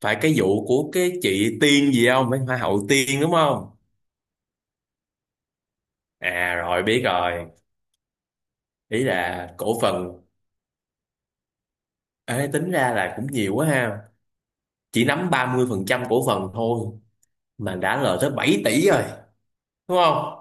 Phải cái vụ của cái chị Tiên gì không, mấy hoa hậu Tiên đúng không? À, rồi, biết rồi. Ý là cổ phần. Ê, tính ra là cũng nhiều quá ha. Chỉ nắm 30% cổ phần thôi mà đã lời tới 7 tỷ rồi, đúng không?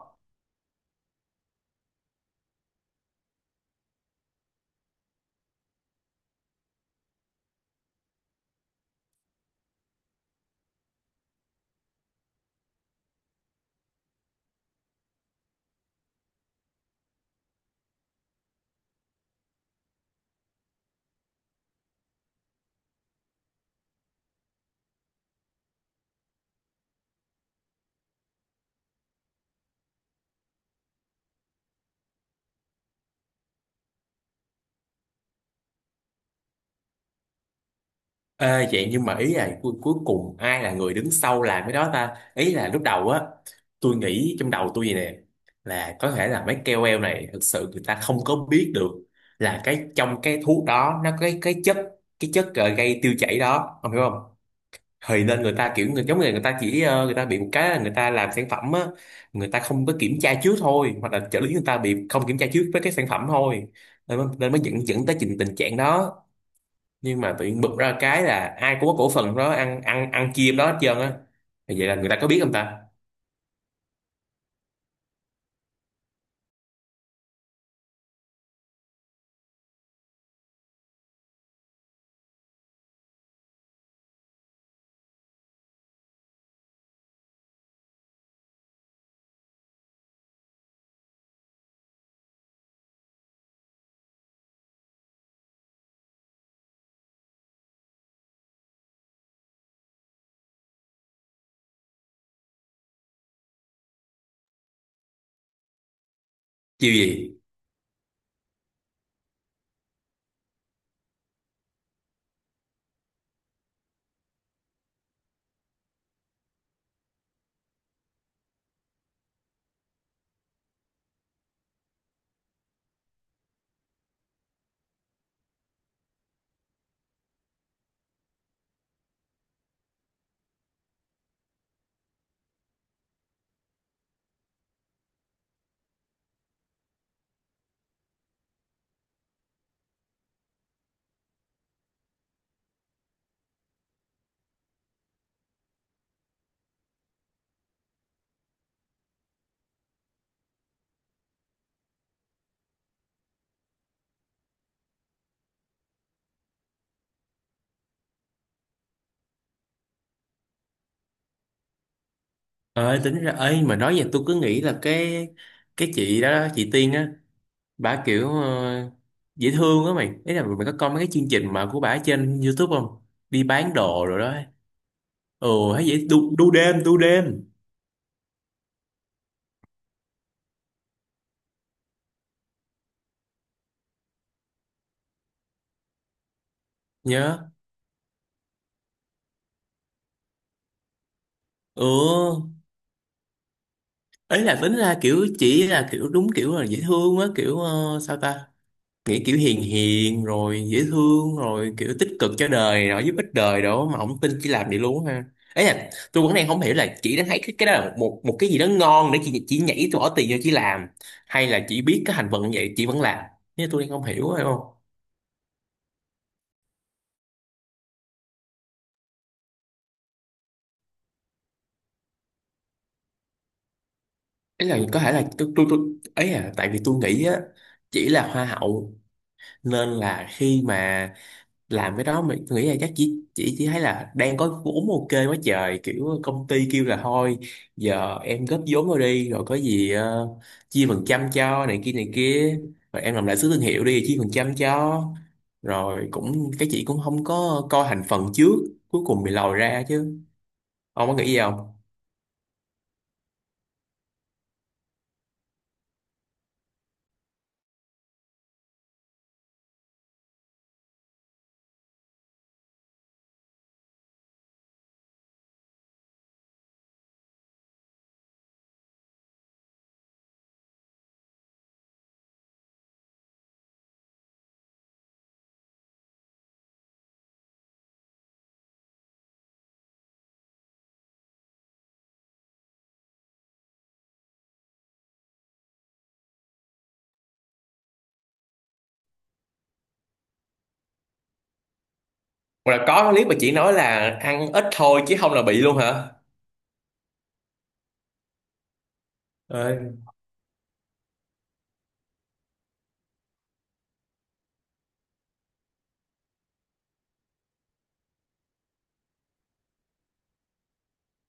Ê, vậy nhưng mà ý là cuối cùng ai là người đứng sau làm cái đó ta, ý là lúc đầu á. Tôi nghĩ trong đầu tôi vậy nè: là có thể là mấy KOL này thực sự người ta không có biết được là cái trong cái thuốc đó nó có cái chất gây tiêu chảy đó, ông hiểu không? Thì nên người ta kiểu người giống người người ta chỉ người ta bị một cái là người ta làm sản phẩm á, người ta không có kiểm tra trước thôi, hoặc là trợ lý người ta bị không kiểm tra trước với cái sản phẩm thôi, nên mới dẫn dẫn tới tình trạng đó. Nhưng mà tự nhiên bực ra cái là ai cũng có cổ phần đó, ăn ăn ăn chia đó hết trơn á. Thì vậy là người ta có biết không ta? Chiêu gì? Ơi, tính ra ấy mà nói vậy tôi cứ nghĩ là cái chị đó, chị Tiên á, bà kiểu dễ thương á mày. Ý là mày có coi mấy cái chương trình mà của bà trên YouTube không? Đi bán đồ rồi đó. Ừ. Hay vậy, đu đêm đu đêm. Nhớ. Ừ. Ấy là tính ra kiểu chỉ là kiểu đúng kiểu là dễ thương á, kiểu sao ta, nghĩ kiểu hiền hiền rồi dễ thương rồi kiểu tích cực cho đời rồi giúp ích đời đó, mà ông tin chỉ làm vậy luôn ha. Ấy là tôi vẫn đang không hiểu là chị đã thấy cái đó là một một cái gì đó ngon để chị chỉ nhảy tôi bỏ tiền cho chị làm, hay là chị biết cái hành vận như vậy chị vẫn làm. Nhưng tôi đang không hiểu, phải không? Ấy là có thể là tôi, ấy là tại vì tôi nghĩ á, chỉ là hoa hậu nên là khi mà làm cái đó mình, tôi nghĩ là chắc chỉ thấy là đang có vốn ok quá trời, kiểu công ty kêu là thôi giờ em góp vốn vào đi rồi có gì chia phần trăm cho này kia này kia, rồi em làm lại sứ thương hiệu đi chia phần trăm cho, rồi cũng cái chị cũng không có coi thành phần trước, cuối cùng bị lòi ra chứ. Ông có nghĩ gì không? Hoặc là có clip mà chị nói là ăn ít thôi chứ không là bị luôn hả?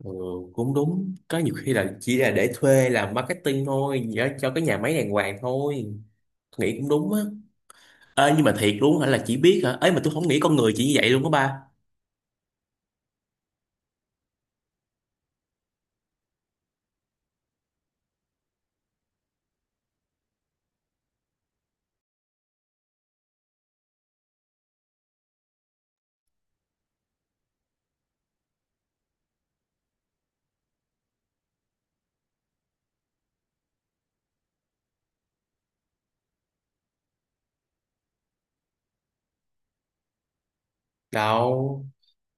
Ừ, cũng đúng, có nhiều khi là chỉ là để thuê làm marketing thôi, nhớ cho cái nhà máy đàng hoàng thôi. Nghĩ cũng đúng á. Ê, nhưng mà thiệt luôn hả, là chỉ biết hả? Ấy mà tôi không nghĩ con người chỉ như vậy luôn đó ba. Đâu,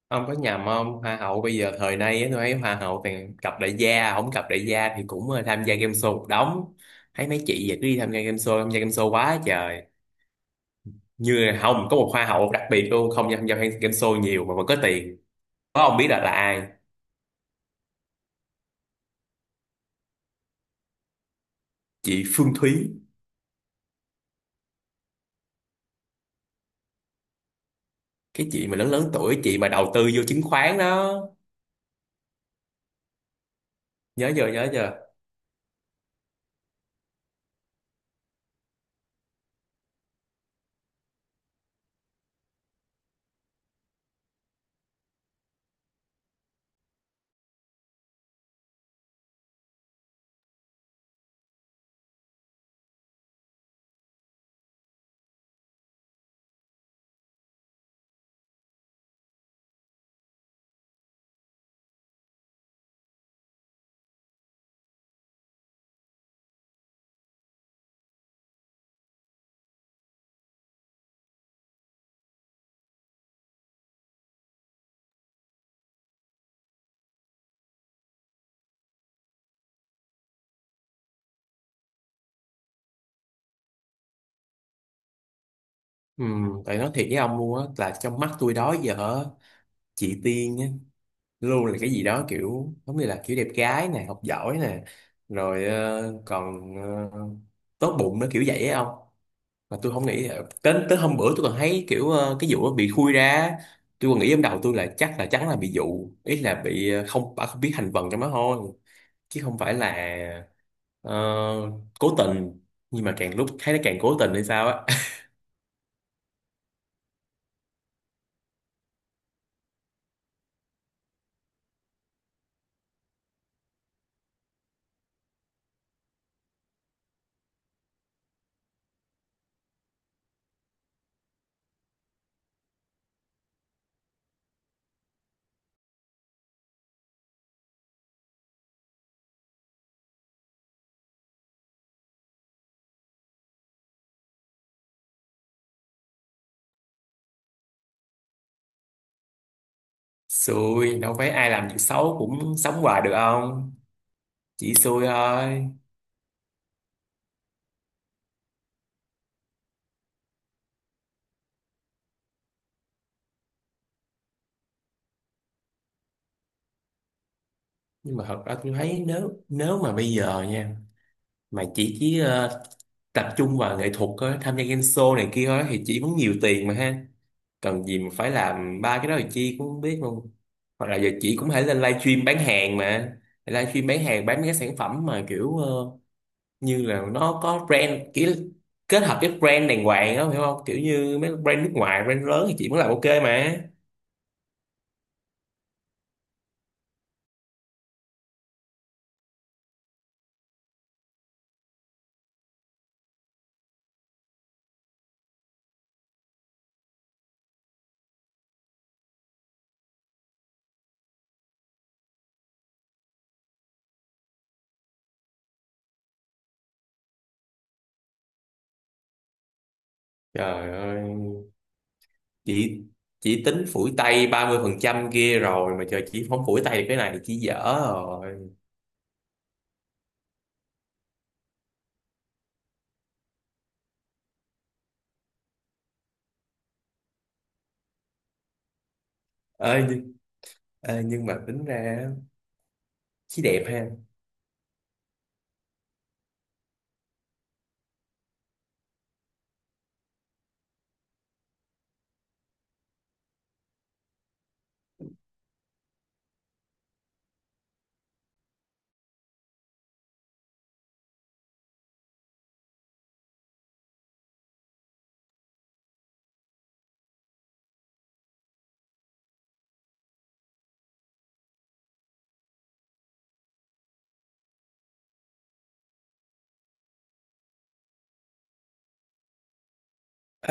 ông có nhầm không, hoa hậu bây giờ thời nay á, tôi thấy hoa hậu toàn cặp đại gia, không cặp đại gia thì cũng tham gia game show một đống. Thấy mấy chị vậy cứ đi tham gia game show, tham gia game show quá trời. Như là không có một hoa hậu đặc biệt luôn không tham gia game show nhiều mà vẫn có tiền. Có, ông biết là ai? Chị Phương Thúy. Cái chị mà lớn lớn tuổi, chị mà đầu tư vô chứng khoán đó. Nhớ giờ, nhớ giờ. Ừ, tại nói thiệt với ông luôn á, là trong mắt tôi đó giờ á, chị Tiên á, luôn là cái gì đó kiểu giống như là kiểu đẹp gái nè, học giỏi nè, rồi còn ờ, tốt bụng, nó kiểu vậy á ông. Mà tôi không nghĩ, tới tới hôm bữa tôi còn thấy kiểu cái vụ nó bị khui ra, tôi còn nghĩ trong đầu tôi là chắc là chắn là bị dụ, ý là bị không, bà không biết thành phần trong đó thôi, chứ không phải là, ờ, cố tình. Nhưng mà càng lúc thấy nó càng cố tình hay sao á. Xui, đâu phải ai làm việc xấu cũng sống hoài được không. Chỉ xui thôi. Nhưng mà thật ra tôi thấy nếu nếu mà bây giờ nha, mà chỉ tập trung vào nghệ thuật á, tham gia game show này kia thôi thì chỉ cũng nhiều tiền mà ha. Cần gì mà phải làm ba cái đó thì chi cũng không biết luôn. Hoặc là giờ chị cũng có thể lên livestream bán hàng mà, livestream bán hàng bán mấy cái sản phẩm mà kiểu như là nó có brand, kiểu kết hợp cái brand đàng hoàng á, hiểu không, kiểu như mấy brand nước ngoài, brand lớn thì chị mới làm ok mà. Trời ơi, chị chị tính phủi tay 30% kia rồi mà trời, chị không phủi tay được cái này thì chị dở rồi. Ơi nhưng, ê, nhưng mà tính ra chị đẹp ha.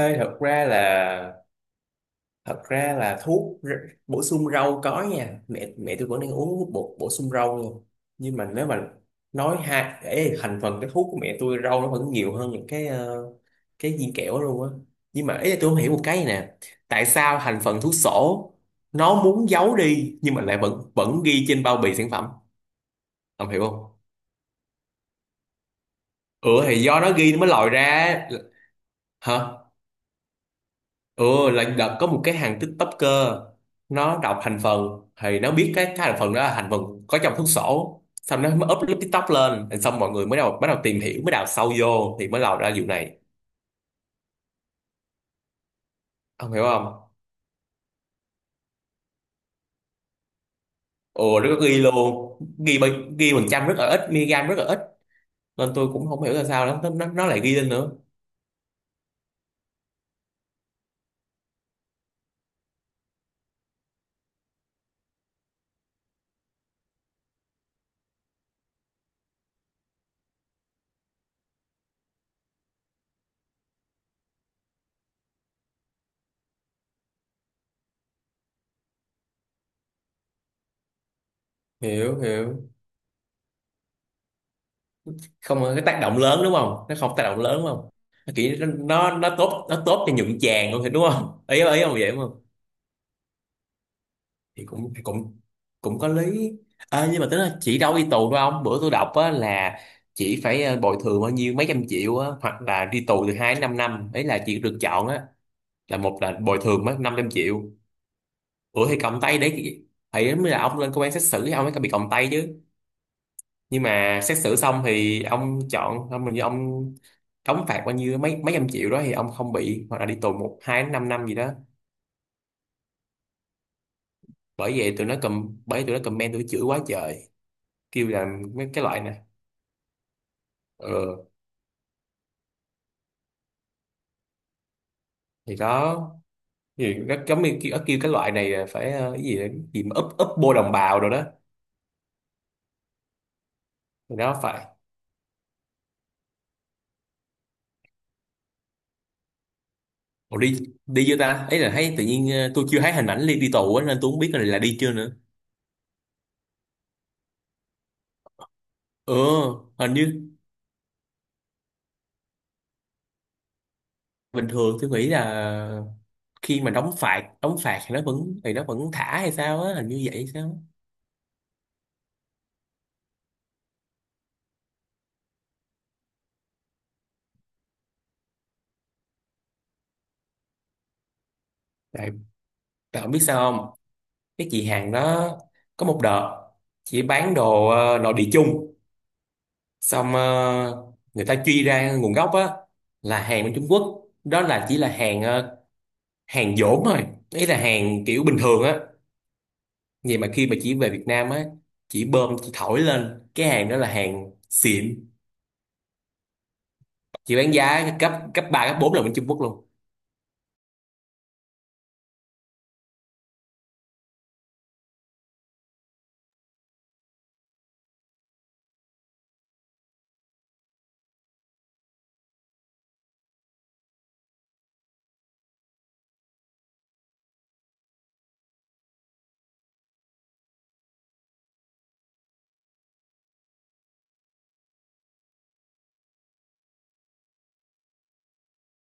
Ê, thật ra là, thật ra là thuốc bổ sung rau có nha, mẹ mẹ tôi vẫn đang uống bổ sung rau nha. Nhưng mà nếu mà nói hai, ê, thành phần cái thuốc của mẹ tôi rau nó vẫn nhiều hơn những cái cái viên kẹo đó luôn á. Nhưng mà ý là tôi không hiểu một cái này nè: tại sao thành phần thuốc sổ nó muốn giấu đi nhưng mà lại vẫn vẫn ghi trên bao bì sản phẩm, ông hiểu không? Ừ, thì do nó ghi nó mới lòi ra. Hả? Ừ, là đợt có một cái hàng TikToker, nó đọc thành phần thì nó biết cái thành phần đó là thành phần có trong thuốc sổ, xong nó mới up clip TikTok lên, rồi xong mọi người mới đầu bắt đầu tìm hiểu, mới đào sâu vô thì mới lòi ra vụ này, ông hiểu không? Ồ, nó có ghi luôn, ghi phần trăm rất là ít, miligam rất là ít, nên tôi cũng không hiểu là sao nó lại ghi lên nữa. Hiểu, hiểu, không cái tác động lớn đúng không, nó không tác động lớn đúng không, nó kiểu nó tốt, nó tốt cho nhuận chàng luôn thì đúng không, ý ý ông vậy đúng không. Thì cũng cũng, cũng có lý. À, nhưng mà tính là chỉ đâu đi tù thôi ông, bữa tôi đọc á là chỉ phải bồi thường bao nhiêu mấy trăm triệu á, hoặc là đi tù từ 2 đến 5 năm, ấy là chỉ được chọn á, là một là bồi thường mấy năm trăm triệu. Ủa thì còng tay đấy, ấy mới là ông lên công an xét xử thì ông mới bị còng tay chứ, nhưng mà xét xử xong thì ông chọn ông mình, ông đóng phạt bao nhiêu mấy mấy trăm triệu đó thì ông không bị, hoặc là đi tù một hai đến năm năm gì đó. Bởi vậy tụi nó cầm, bởi tụi nó comment tụi nó chửi quá trời. Kêu là mấy cái loại nè. Ờ, thì đó, gì nó giống như kêu cái loại này là phải cái gì đó, cái gì mà úp úp bô đồng bào rồi đó. Thì nó phải. Ủa, đi đi chưa ta, ấy là thấy tự nhiên tôi chưa thấy hình ảnh đi đi tù á, nên tôi không biết là đi chưa nữa. Ừ, hình như bình thường tôi nghĩ là khi mà đóng phạt thì nó vẫn, thì nó vẫn thả hay sao á, hình như vậy hay sao á. Tại tại không biết sao không, cái chị hàng đó có một đợt chị bán đồ nội địa chung, xong người ta truy ra nguồn gốc á, là hàng bên Trung Quốc đó, là chỉ là hàng hàng dỗm thôi, ý là hàng kiểu bình thường á. Vậy mà khi mà chỉ về Việt Nam á, chỉ bơm chỉ thổi lên cái hàng đó là hàng xịn, chỉ bán giá cấp cấp ba cấp 4 là bên Trung Quốc luôn.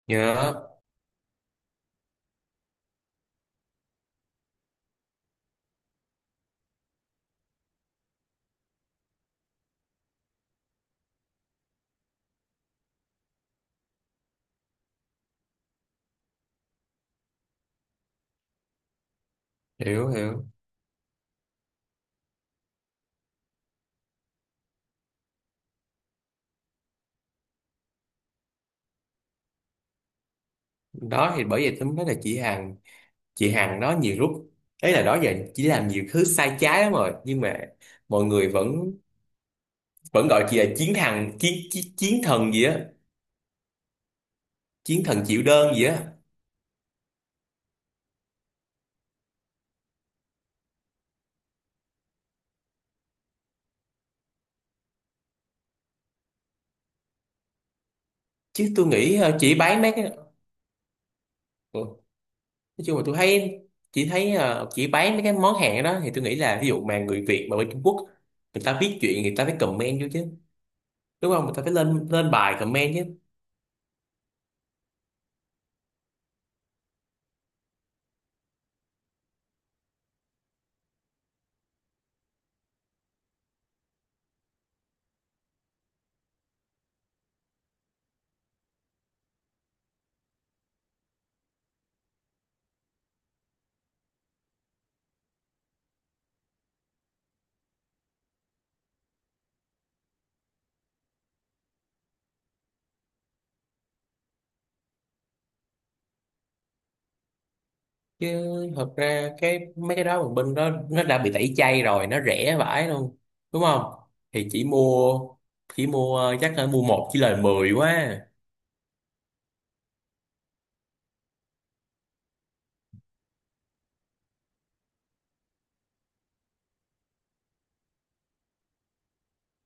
Nhớ. Hiểu, hiểu. Đó, thì bởi vậy tôi mới nói là chị Hằng, chị Hằng đó nhiều lúc, ấy là đó giờ chỉ làm nhiều thứ sai trái lắm rồi, nhưng mà mọi người vẫn vẫn gọi chị là chiến thần, chiến chiến, chiến thần gì á, chiến thần chịu đơn gì á. Chứ tôi nghĩ chỉ bán mấy cái, ừ, nói chung là tôi thấy chỉ thấy chỉ bán mấy cái món hàng đó thì tôi nghĩ là ví dụ mà người Việt mà bên Trung Quốc, người ta viết chuyện người ta phải comment vô chứ, đúng không, người ta phải lên lên bài comment chứ. Chứ thật ra cái mấy cái đó mà bên đó nó đã bị tẩy chay rồi, nó rẻ vãi luôn, đúng không. Thì chỉ mua chắc là mua một chỉ lời 10 quá.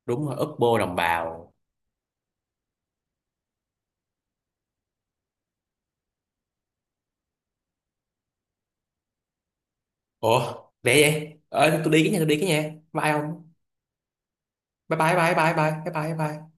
Đúng rồi, Oppo đồng bào. Ủa, để vậy ờ, tôi đi cái nhà, tôi đi cái nhà, bye không. Bye bye bye bye bye bye bye bye.